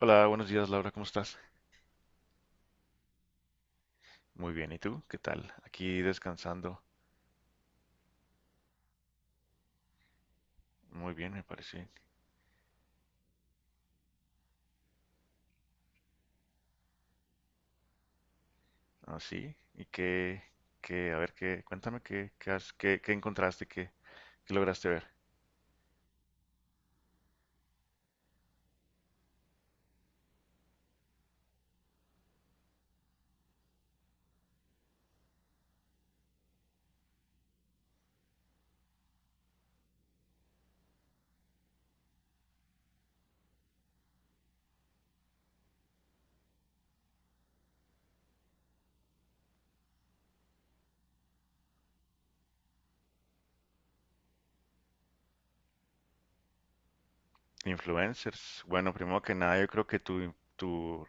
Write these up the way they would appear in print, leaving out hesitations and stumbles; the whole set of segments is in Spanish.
Hola, buenos días Laura, ¿cómo estás? Muy bien, ¿y tú? ¿Qué tal? Aquí descansando. Muy bien, me parece. Así. ¿Y qué, a ver, cuéntame qué has, qué encontraste, qué lograste ver? Influencers. Bueno, primero que nada, yo creo que tu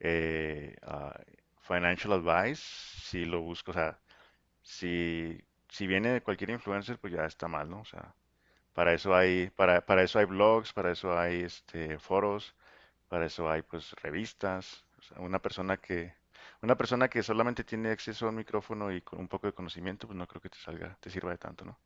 eh, ah, financial advice, si lo busco, o sea, si, si viene de cualquier influencer, pues ya está mal, ¿no? O sea, para eso para eso hay blogs, para eso hay este, foros. Para eso hay pues revistas. O sea, una persona que solamente tiene acceso a un micrófono y con un poco de conocimiento, pues no creo que te sirva de tanto, ¿no?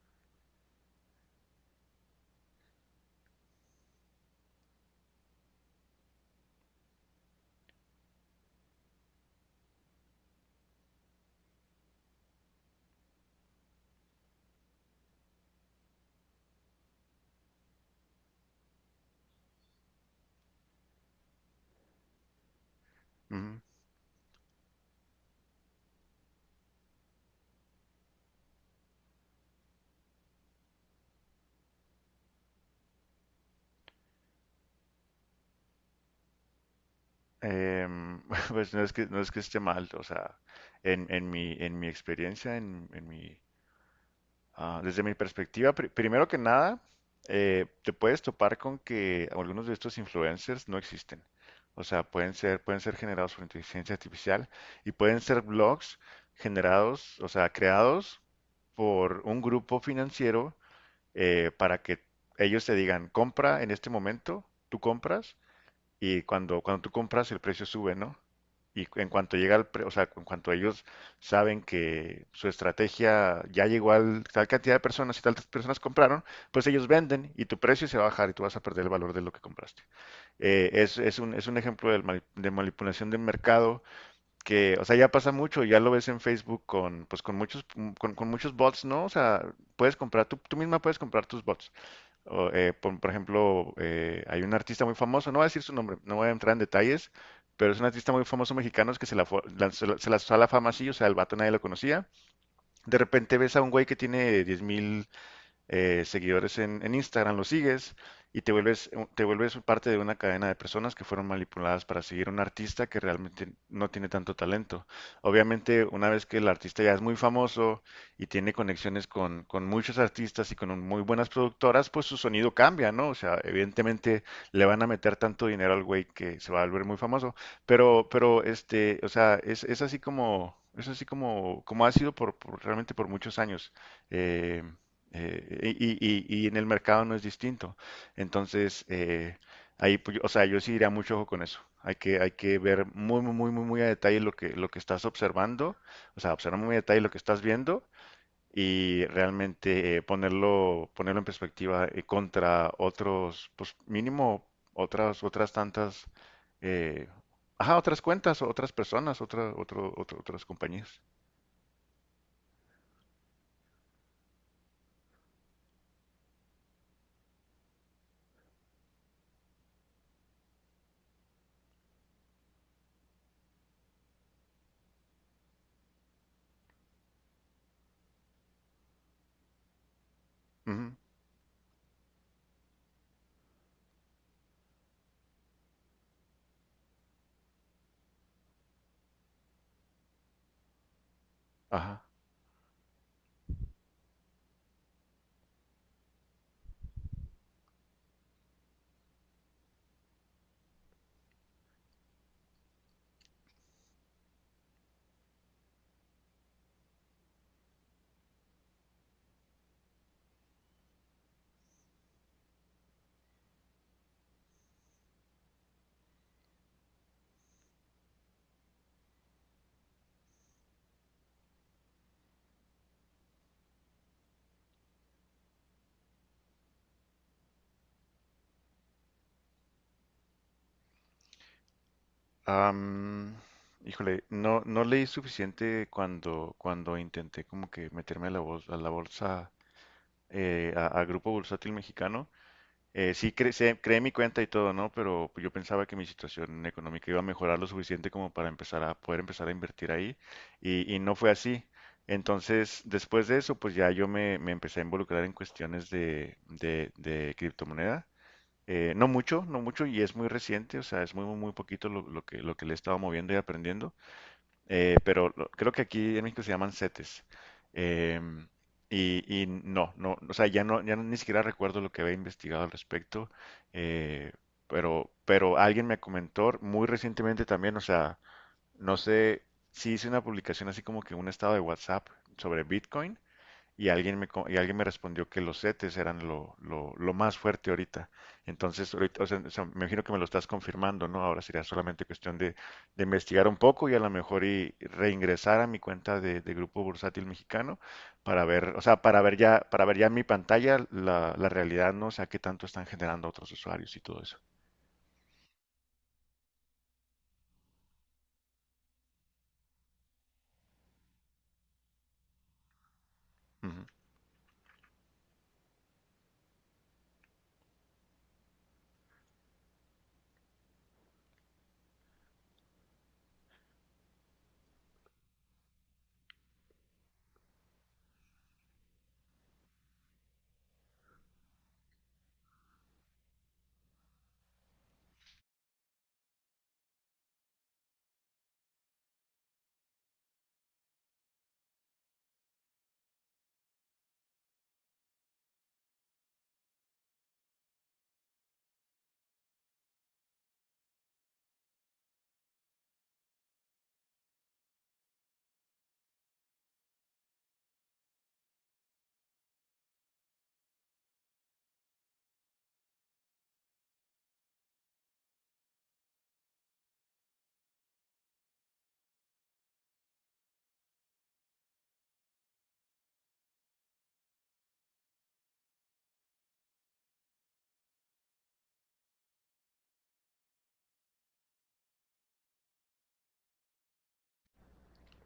Ujú. Em, pues no es que esté mal, o sea, en mi experiencia. Desde mi perspectiva, primero que nada, te puedes topar con que algunos de estos influencers no existen. O sea, pueden ser generados por inteligencia artificial y pueden ser blogs generados, o sea, creados por un grupo financiero para que ellos te digan, compra en este momento, tú compras y cuando tú compras, el precio sube, ¿no? Y en cuanto llega al o sea, en cuanto ellos saben que su estrategia ya llegó a tal cantidad de personas y tantas personas compraron, pues ellos venden y tu precio se va a bajar y tú vas a perder el valor de lo que compraste. Es un ejemplo de manipulación del mercado que, o sea, ya pasa mucho, ya lo ves en Facebook con, pues, con muchos bots, ¿no? O sea, tú misma puedes comprar tus bots. Por ejemplo, hay un artista muy famoso, no voy a decir su nombre, no voy a entrar en detalles, pero es un artista muy famoso mexicano es que se la, fue- la- se lanzó a la fama así, o sea, el vato nadie lo conocía. De repente ves a un güey que tiene 10,000 seguidores en Instagram, los sigues y te vuelves parte de una cadena de personas que fueron manipuladas para seguir a un artista que realmente no tiene tanto talento. Obviamente, una vez que el artista ya es muy famoso y tiene conexiones con muchos artistas y con muy buenas productoras, pues su sonido cambia, ¿no? O sea, evidentemente le van a meter tanto dinero al güey que se va a volver muy famoso. Pero, este, o sea, es así como, como ha sido realmente por muchos años. Eh, y en el mercado no es distinto. Entonces, ahí, pues, o sea, yo sí diría mucho ojo con eso. Hay que ver muy, muy, muy, muy, muy a detalle lo que estás observando, o sea, observar muy a detalle lo que estás viendo y realmente ponerlo en perspectiva contra otros, pues mínimo otras tantas, eh, ajá, otras cuentas, otras personas, otras compañías. Ujú, ajá. Am, Híjole, no leí suficiente cuando, cuando intenté como que meterme a la bolsa, a Grupo Bursátil Mexicano. Sí, creé mi cuenta y todo, ¿no? Pero yo pensaba que mi situación económica iba a mejorar lo suficiente como para empezar a poder empezar a invertir ahí. Y no fue así. Entonces, después de eso, pues ya yo me empecé a involucrar en cuestiones de criptomoneda. No mucho, no mucho, y es muy reciente, o sea, es muy, muy, muy poquito lo que le he estado moviendo y aprendiendo, pero creo que aquí en México se llaman CETES. em, y no, no, o sea, ya no, ya ni siquiera recuerdo lo que había investigado al respecto, eh, pero alguien me comentó muy recientemente también, o sea, no sé, si hice una publicación así como que un estado de WhatsApp sobre Bitcoin y alguien me respondió que los CETES eran lo más fuerte ahorita. Entonces, ahorita, o sea, me imagino que me lo estás confirmando, ¿no? Ahora sería solamente cuestión de investigar un poco y a lo mejor y reingresar a mi cuenta de Grupo Bursátil Mexicano para ver, o sea, para ver ya en mi pantalla la realidad, ¿no? O sea, qué tanto están generando otros usuarios y todo eso. Ujú.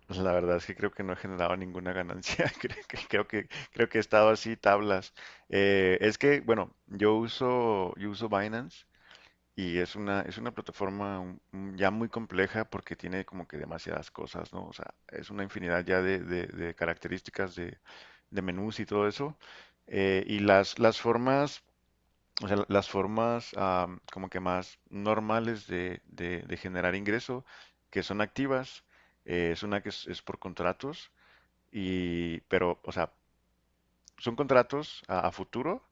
La verdad es que creo que no he generado ninguna ganancia. Creo que he estado así tablas. Es que, bueno, yo uso Binance y es una plataforma ya muy compleja porque tiene como que demasiadas cosas, ¿no? O sea, es una infinidad ya de características de menús y todo eso. Y las formas o sea, las formas am, como que más normales de generar ingreso, que son activas, es una que es por contratos, pero, o sea, son contratos a futuro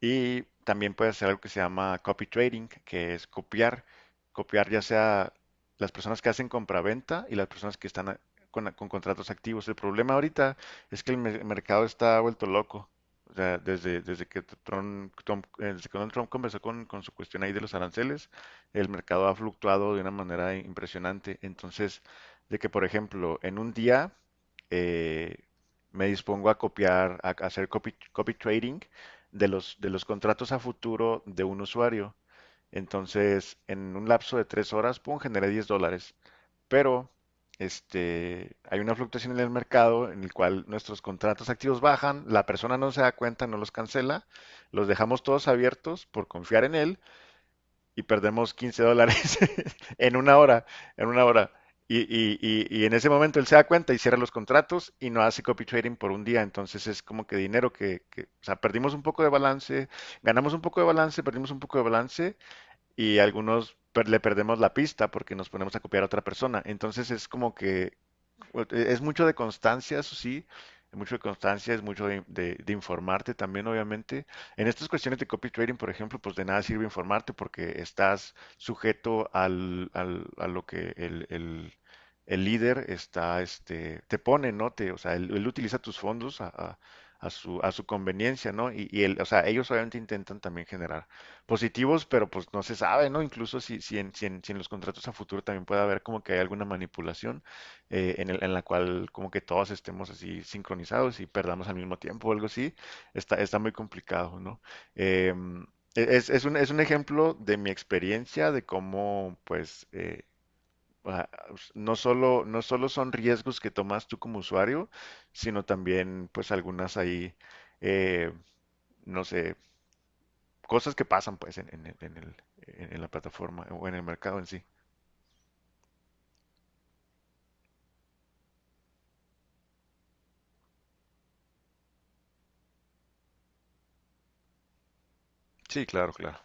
y también puedes hacer algo que se llama copy trading, que es copiar ya sea las personas que hacen compraventa y las personas que están con contratos activos. El problema ahorita es que el mercado está vuelto loco. O sea, desde que Donald Trump conversó con su cuestión ahí de los aranceles, el mercado ha fluctuado de una manera impresionante. Entonces, de que, por ejemplo, en un día eh, me dispongo a copiar, a hacer copy, copy trading de los contratos a futuro de un usuario. Entonces, en un lapso de 3 horas, pum, generé $10. Pero este, hay una fluctuación en el mercado en el cual nuestros contratos activos bajan, la persona no se da cuenta, no los cancela, los dejamos todos abiertos por confiar en él y perdemos $15 en una hora, en una hora. Y en ese momento él se da cuenta y cierra los contratos y no hace copy trading por un día. Entonces es como que dinero o sea, perdimos un poco de balance, ganamos un poco de balance, perdimos un poco de balance y algunos le perdemos la pista porque nos ponemos a copiar a otra persona. Entonces es como que bueno, es mucho de constancia, eso sí, es mucho de constancia, es mucho de informarte también, obviamente. En estas cuestiones de copy trading, por ejemplo, pues de nada sirve informarte porque estás sujeto a lo que el líder está, este, te pone, ¿no? O sea, él utiliza tus fondos a su conveniencia, ¿no? Y él, o sea, ellos obviamente intentan también generar positivos, pero pues no se sabe, ¿no? Incluso si en los contratos a futuro también puede haber como que hay alguna manipulación en la cual como que todos estemos así sincronizados y perdamos al mismo tiempo o algo así, está muy complicado, ¿no? Em, es un ejemplo de mi experiencia de cómo, pues, ah, no solo, no solo son riesgos que tomas tú como usuario, sino también, pues, algunas ahí, eh, no sé, cosas que pasan, pues, en la plataforma o en el mercado en sí. Sí, claro, claro.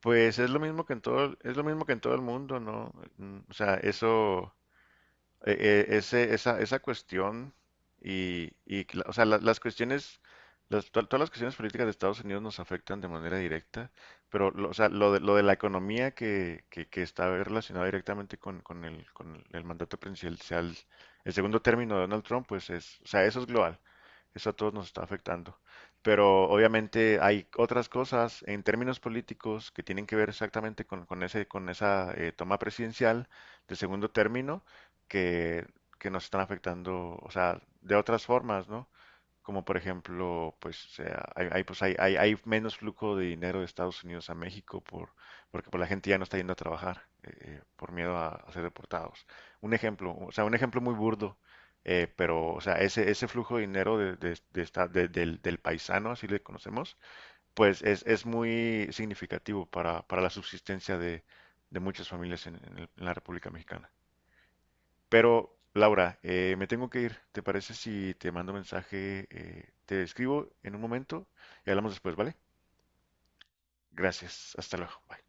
Pues es lo mismo que en todo, es lo mismo que en todo el mundo, ¿no? Mm. O sea, eso, eh, esa cuestión o sea, la- las cuestiones, todas las cuestiones políticas de Estados Unidos nos afectan de manera directa, pero o sea, lo de la economía que está relacionada directamente con el mandato presidencial, el segundo término de Donald Trump, pues o sea, eso es global, eso a todos nos está afectando. Pero obviamente hay otras cosas en términos políticos que tienen que ver exactamente con esa toma presidencial de segundo término que, que nos están afectando, o sea, de otras formas, ¿no? Como por ejemplo, pues, pues hay menos flujo de dinero de Estados Unidos a México porque pues, la gente ya no está yendo a trabajar por miedo a ser deportados. Un ejemplo, o sea, un ejemplo muy burdo, pero, o sea, ese flujo de dinero de esta- de- del, del paisano, así le conocemos, pues es muy significativo para la subsistencia de muchas familias en la República Mexicana. Pero, Laura, me tengo que ir. ¿Te parece si te mando mensaje, te escribo en un momento y hablamos después, vale? Gracias. Hasta luego. Bye.